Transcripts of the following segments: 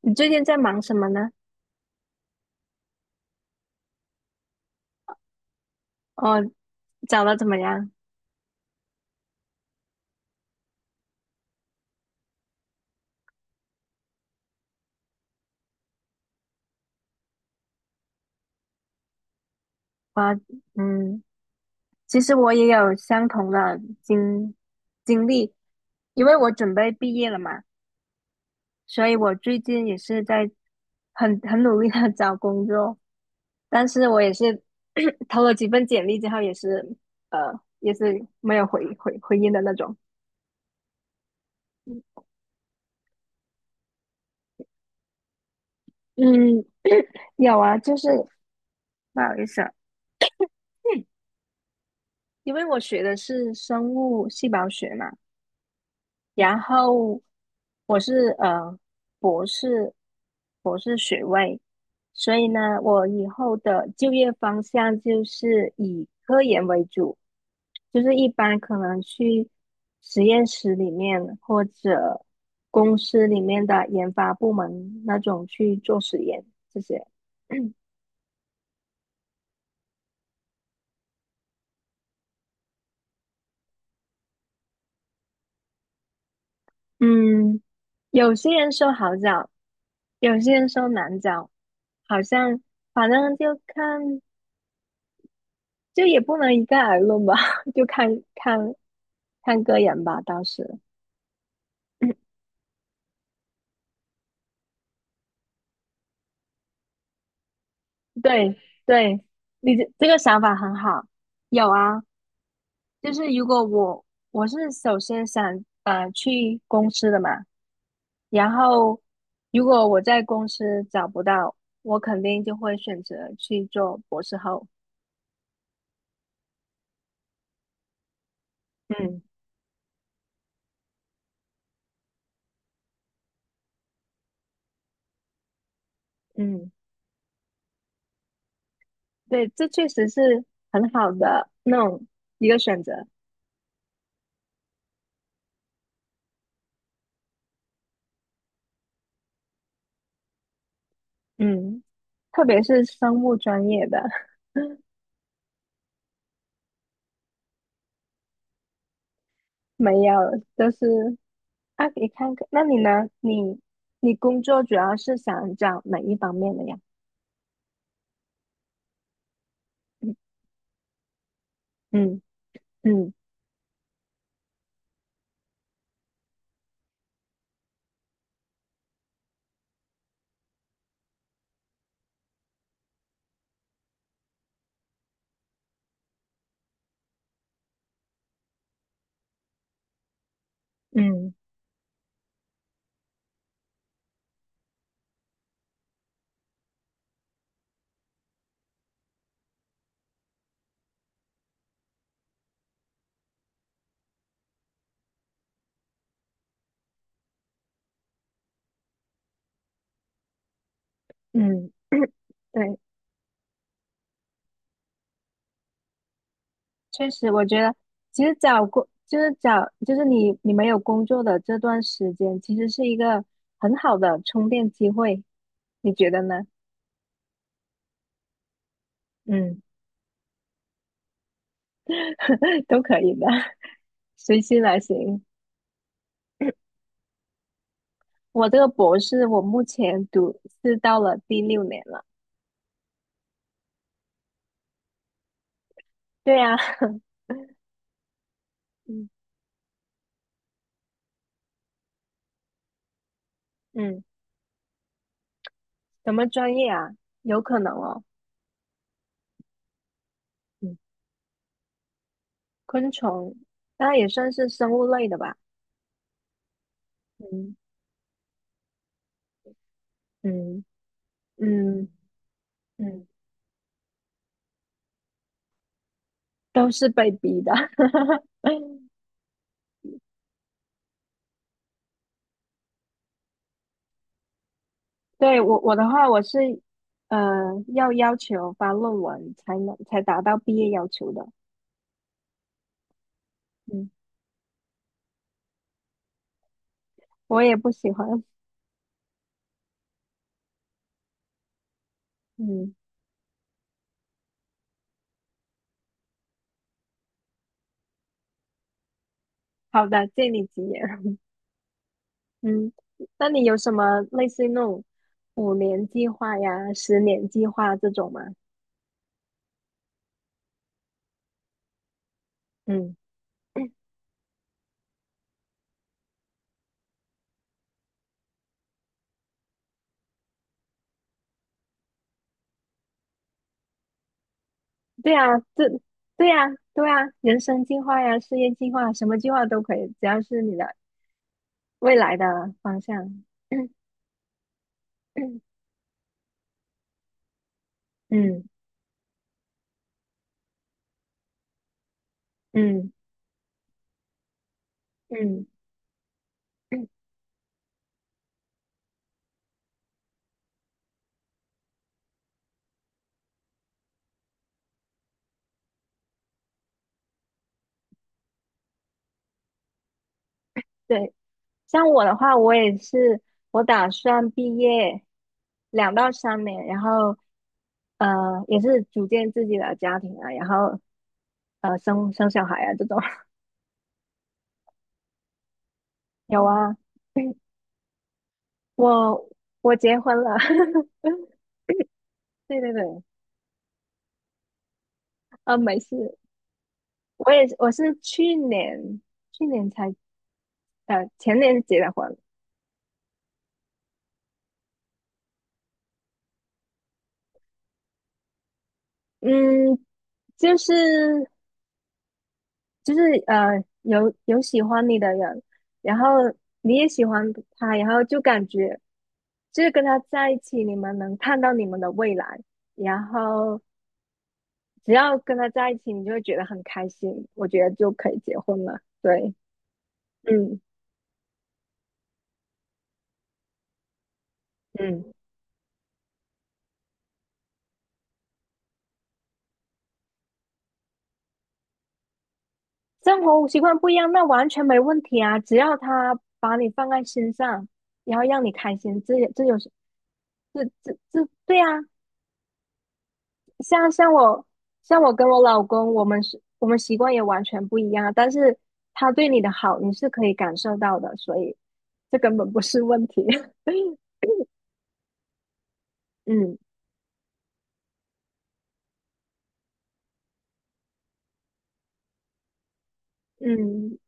你最近在忙什么呢？哦，找了怎么样？啊，嗯，其实我也有相同的经历，因为我准备毕业了嘛，所以我最近也是在很努力的 找工作，但是我也是 投了几份简历之后，也是也是没有回音的那种。嗯，有啊，就是不好意思啊，嗯因为我学的是生物细胞学嘛。然后我是博士学位，所以呢，我以后的就业方向就是以科研为主，就是一般可能去实验室里面或者公司里面的研发部门那种去做实验这些。嗯，有些人说好找，有些人说难找，好像反正就看。就也不能一概而论吧，就看个人吧。当时，对对，你这个想法很好。有啊，就是如果我是首先想去公司的嘛，然后如果我在公司找不到，我肯定就会选择去做博士后。嗯嗯，对，这确实是很好的那种一个选择。嗯，特别是生物专业的。没有，就是啊，你看看，那你呢？你工作主要是想找哪一方面的呀？嗯嗯嗯嗯，对，确实，我觉得其实找工就是找就是你你没有工作的这段时间，其实是一个很好的充电机会，你觉得呢？嗯，都可以的，随心来行。我这个博士，我目前读是到了第六年了。对呀、嗯嗯。什么专业啊？有可能哦。嗯，昆虫，那也算是生物类的吧？嗯嗯嗯嗯，都是被逼的。对，我的话，我是要求发论文才能才达到毕业要求的。嗯，我也不喜欢。嗯，好的，借你吉言。嗯，那你有什么类似于那种五年计划呀、十年计划这种吗？嗯。对呀，这对呀，对呀，人生计划呀，事业计划，什么计划都可以，只要是你的未来的方向。嗯嗯嗯，嗯，对，像我的话，我也是，我打算毕业两到三年，然后呃，也是组建自己的家庭啊，然后生小孩啊这种。有啊，我我结婚了，对对对，啊，没事，我是去年才前年结的婚，嗯，就是就是有喜欢你的人，然后你也喜欢他，然后就感觉就是跟他在一起，你们能看到你们的未来，然后只要跟他在一起，你就会觉得很开心，我觉得就可以结婚了。对，嗯，嗯，生活习惯不一样，那完全没问题啊，只要他把你放在心上，然后让你开心，这也这有这这这对啊，像像我像我跟我老公，我们习惯也完全不一样，但是他对你的好你是可以感受到的，所以这根本不是问题。嗯嗯，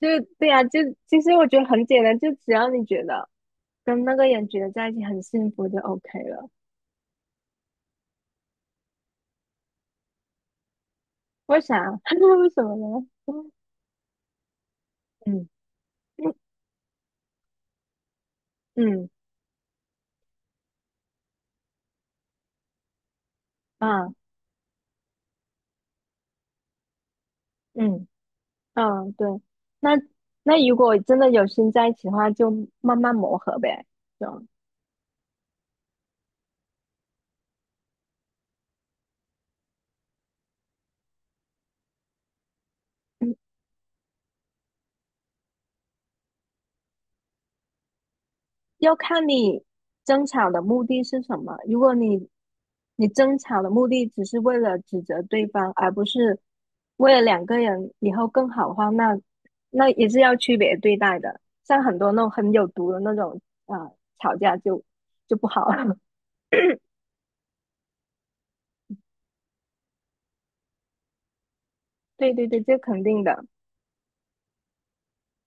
就对呀、就其实我觉得很简单，就只要你觉得跟那个人觉得在一起很幸福就 OK 了。为啥？为什么呢？嗯嗯啊嗯嗯，对。那那如果真的有心在一起的话，就慢慢磨合呗。就要看你争吵的目的是什么。如果你争吵的目的只是为了指责对方，而不是为了两个人以后更好的话，那也是要区别对待的。像很多那种很有毒的那种吵架就不好了。对对对，这肯定的。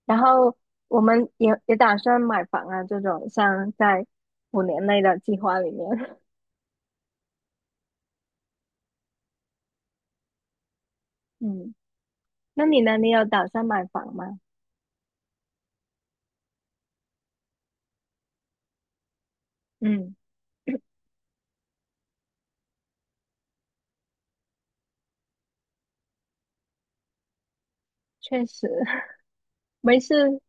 然后我们也打算买房啊，这种像在五年内的计划里面。嗯，那你呢？你有打算买房吗？嗯，确实，没事，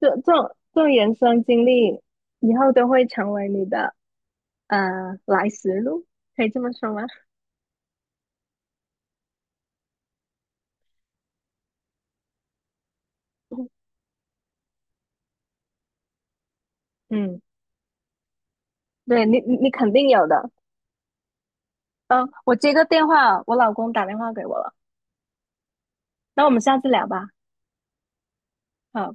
这种这种人生经历，以后都会成为你的来时路，可以这么说吗？嗯，对你肯定有的。嗯，我接个电话，我老公打电话给我了，那我们下次聊吧。好。